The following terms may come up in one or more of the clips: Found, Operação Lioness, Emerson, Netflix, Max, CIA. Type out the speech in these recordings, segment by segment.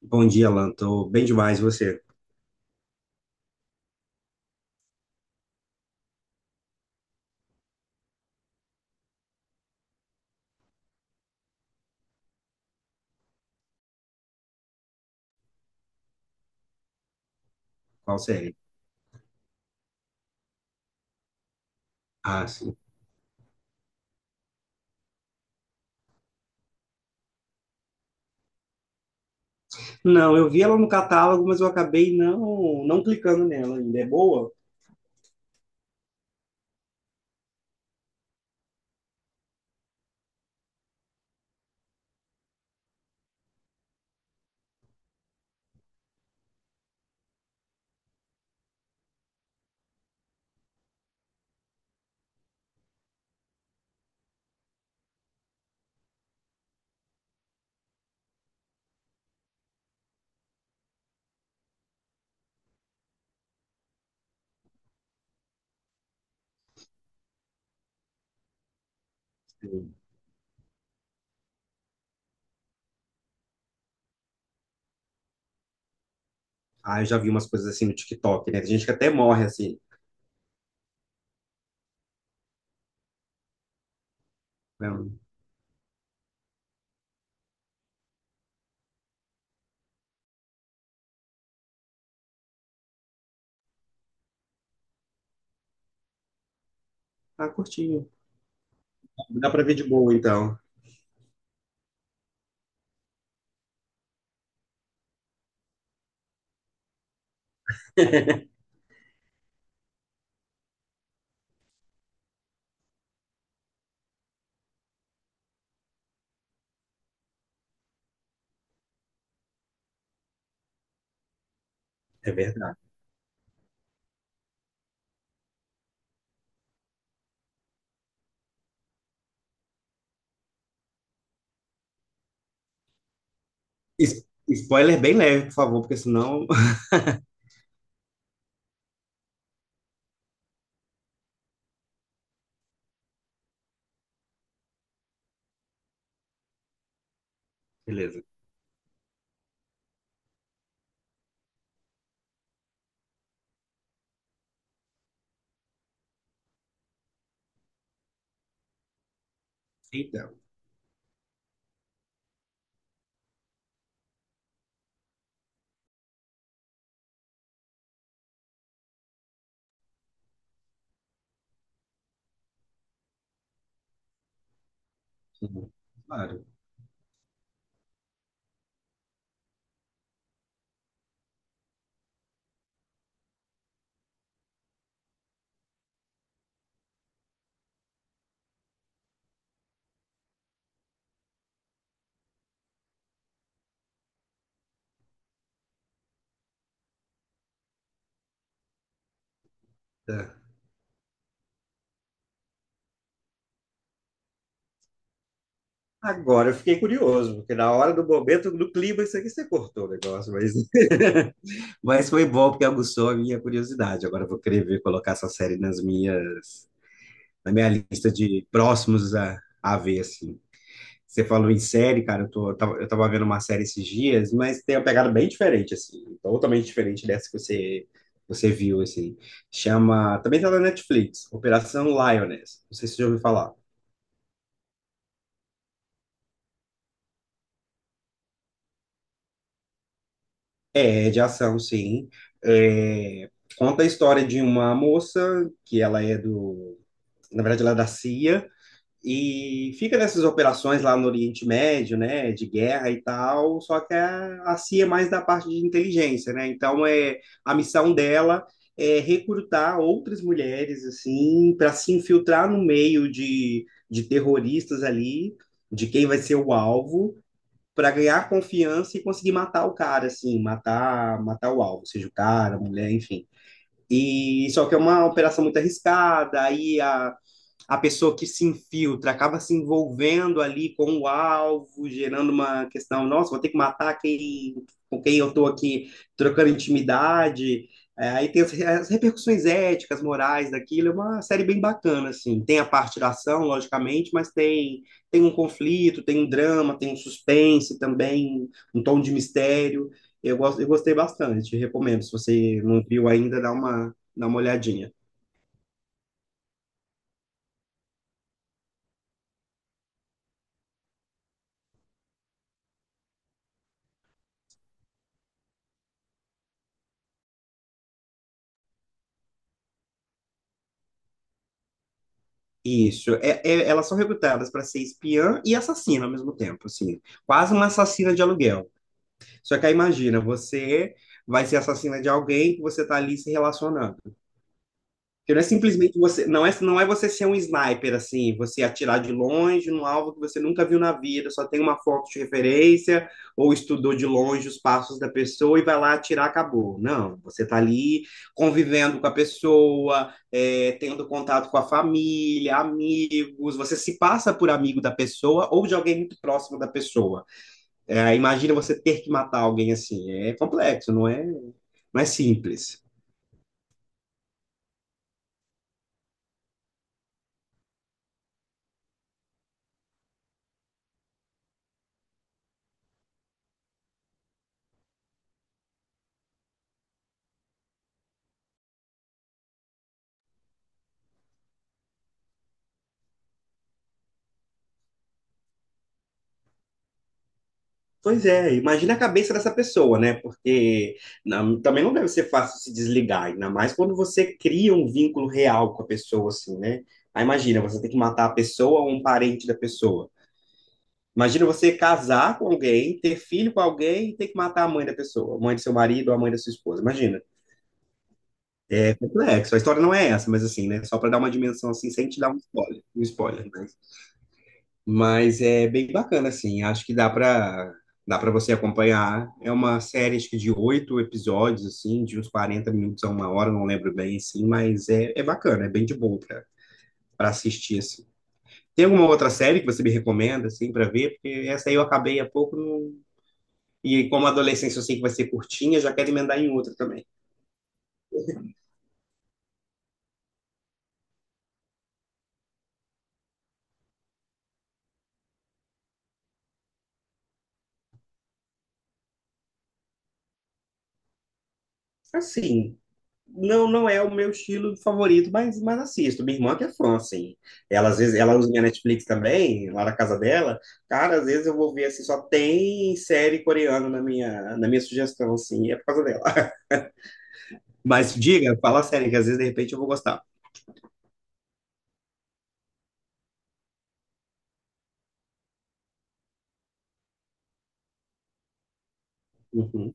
Bom dia, Alan. Tô bem demais, e você? Qual série? Ah, sim. Não, eu vi ela no catálogo, mas eu acabei não clicando nela ainda. É boa? Sim. Ah, eu já vi umas coisas assim no TikTok, né? Tem gente que até morre assim. Não. Ah, curtinho. Dá pra ver de boa, então. É verdade. Spoiler bem leve, por favor, porque senão. Beleza. Então. Sim, claro. Tá. Agora eu fiquei curioso, porque na hora do momento, do clima, isso aqui você cortou o negócio, mas. Mas foi bom porque aguçou a minha curiosidade. Agora eu vou querer ver colocar essa série nas minhas, na minha lista de próximos a ver, assim. Você falou em série, cara, eu tava vendo uma série esses dias, mas tem uma pegada bem diferente, assim, totalmente diferente dessa que você viu, assim. Chama, também tá na Netflix, Operação Lioness. Não sei se você já ouviu falar. É, de ação, sim. É, conta a história de uma moça que na verdade ela é da CIA. E fica nessas operações lá no Oriente Médio, né, de guerra e tal, só que a CIA é mais da parte de inteligência, né? Então é a missão dela é recrutar outras mulheres assim para se infiltrar no meio de terroristas ali, de quem vai ser o alvo, para ganhar confiança e conseguir matar o cara assim, matar o alvo, seja o cara, a mulher, enfim. E só que é uma operação muito arriscada, aí a pessoa que se infiltra acaba se envolvendo ali com o alvo, gerando uma questão, nossa, vou ter que matar quem, com quem eu estou aqui trocando intimidade. É, aí tem as repercussões éticas, morais daquilo, é uma série bem bacana, assim. Tem a parte da ação, logicamente, mas tem um conflito, tem um drama, tem um suspense também, um tom de mistério. Eu gostei bastante, recomendo. Se você não viu ainda, dá uma olhadinha. Isso, elas são recrutadas para ser espiã e assassina ao mesmo tempo, assim, quase uma assassina de aluguel. Só que aí imagina, você vai ser assassina de alguém que você tá ali se relacionando. Porque não é simplesmente você, não é você ser um sniper assim, você atirar de longe num alvo que você nunca viu na vida, só tem uma foto de referência ou estudou de longe os passos da pessoa e vai lá atirar, acabou. Não, você está ali convivendo com a pessoa, é, tendo contato com a família, amigos, você se passa por amigo da pessoa ou de alguém muito próximo da pessoa. É, imagina você ter que matar alguém assim, é complexo, não é, não é simples. Pois é, imagina a cabeça dessa pessoa, né? Porque também não deve ser fácil se desligar, ainda mais quando você cria um vínculo real com a pessoa, assim, né? Aí imagina, você tem que matar a pessoa ou um parente da pessoa. Imagina você casar com alguém, ter filho com alguém e ter que matar a mãe da pessoa, a mãe do seu marido ou a mãe da sua esposa. Imagina, é complexo. A história não é essa, mas assim, né? Só para dar uma dimensão assim, sem te dar um spoiler, né? Mas é bem bacana, assim. Acho que dá para você acompanhar. É uma série, acho que de oito episódios, assim, de uns 40 minutos a uma hora, não lembro bem, assim, mas é bacana, é bem de boa para assistir, assim. Tem alguma outra série que você me recomenda, assim, para ver? Porque essa aí eu acabei há pouco, e como a adolescência eu sei que vai ser curtinha, já quero emendar em outra também. Assim, não é o meu estilo favorito, mas, assisto. Minha irmã que é fã, assim. Ela, às vezes, ela usa minha Netflix também, lá na casa dela. Cara, às vezes eu vou ver, assim, só tem série coreana na minha sugestão, assim, é por causa dela. Mas diga, fala sério, que às vezes, de repente, eu vou gostar. Uhum.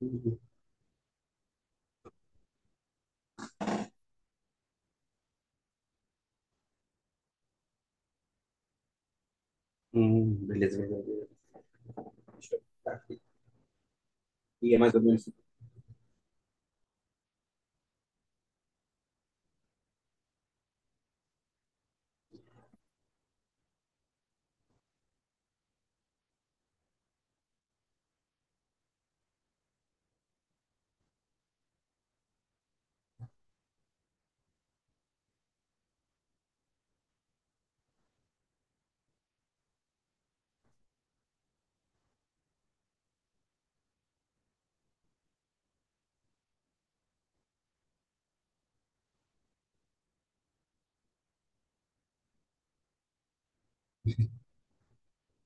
Uhum. Beleza, beleza. Beleza. Deixa eu ver. E é mais ou menos isso.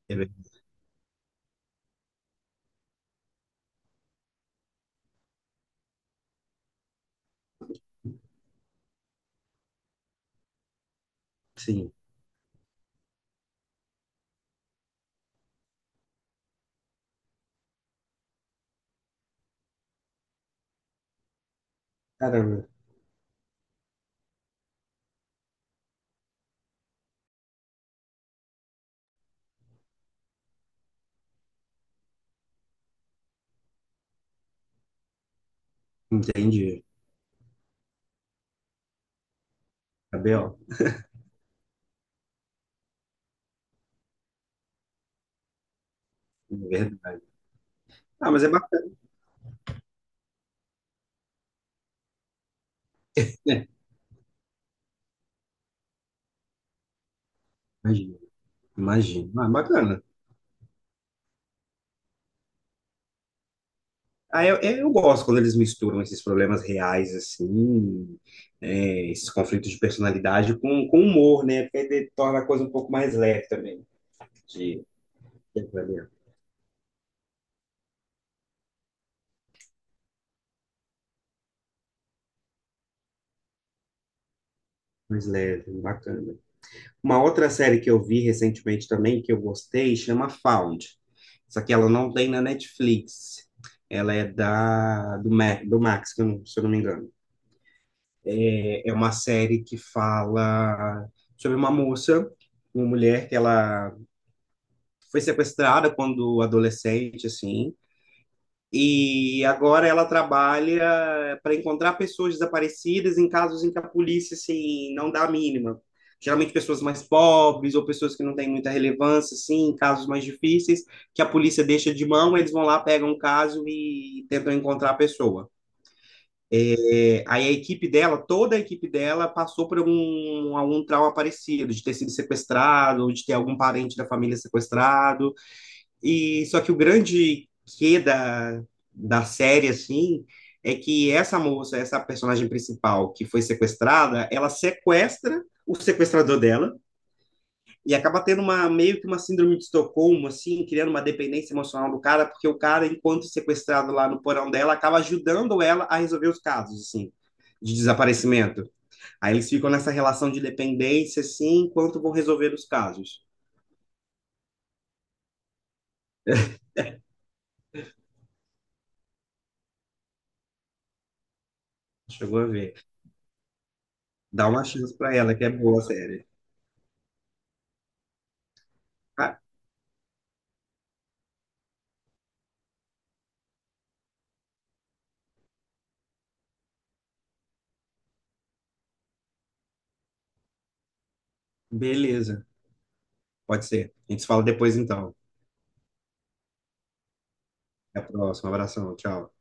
É verdade. Sim. Caramba, entendi. Cabelo, é verdade. Ah, mas é bacana, né? Imagina, imagina. Ah, bacana. Ah, eu gosto quando eles misturam esses problemas reais, assim, né, esses conflitos de personalidade com humor, né? Porque aí torna a coisa um pouco mais leve também. De, Mais leve, bacana. Uma outra série que eu vi recentemente também, que eu gostei, chama Found. Só que ela não tem na Netflix. Ela é da, do Max, que eu não- se eu não me engano. É uma série que fala sobre uma moça, uma mulher que ela foi sequestrada quando adolescente, assim, e agora ela trabalha para encontrar pessoas desaparecidas em casos em que a polícia, assim, não dá a mínima. Geralmente pessoas mais pobres ou pessoas que não têm muita relevância, assim, em casos mais difíceis, que a polícia deixa de mão, eles vão lá, pegam um caso e tentam encontrar a pessoa. É, aí a equipe dela, toda a equipe dela, passou por algum trauma parecido, de ter sido sequestrado, ou de ter algum parente da família sequestrado, e só que o grande quê da série, assim, é que essa moça, essa personagem principal que foi sequestrada, ela sequestra o sequestrador dela e acaba tendo uma meio que uma síndrome de Estocolmo, assim, criando uma dependência emocional do cara, porque o cara, enquanto sequestrado lá no porão dela, acaba ajudando ela a resolver os casos, assim, de desaparecimento. Aí eles ficam nessa relação de dependência, assim, enquanto vão resolver os casos. Chegou a ver. Dá uma chance pra ela, que é boa a série. Beleza, pode ser. A gente se fala depois então. Até a próxima. Abração, tchau.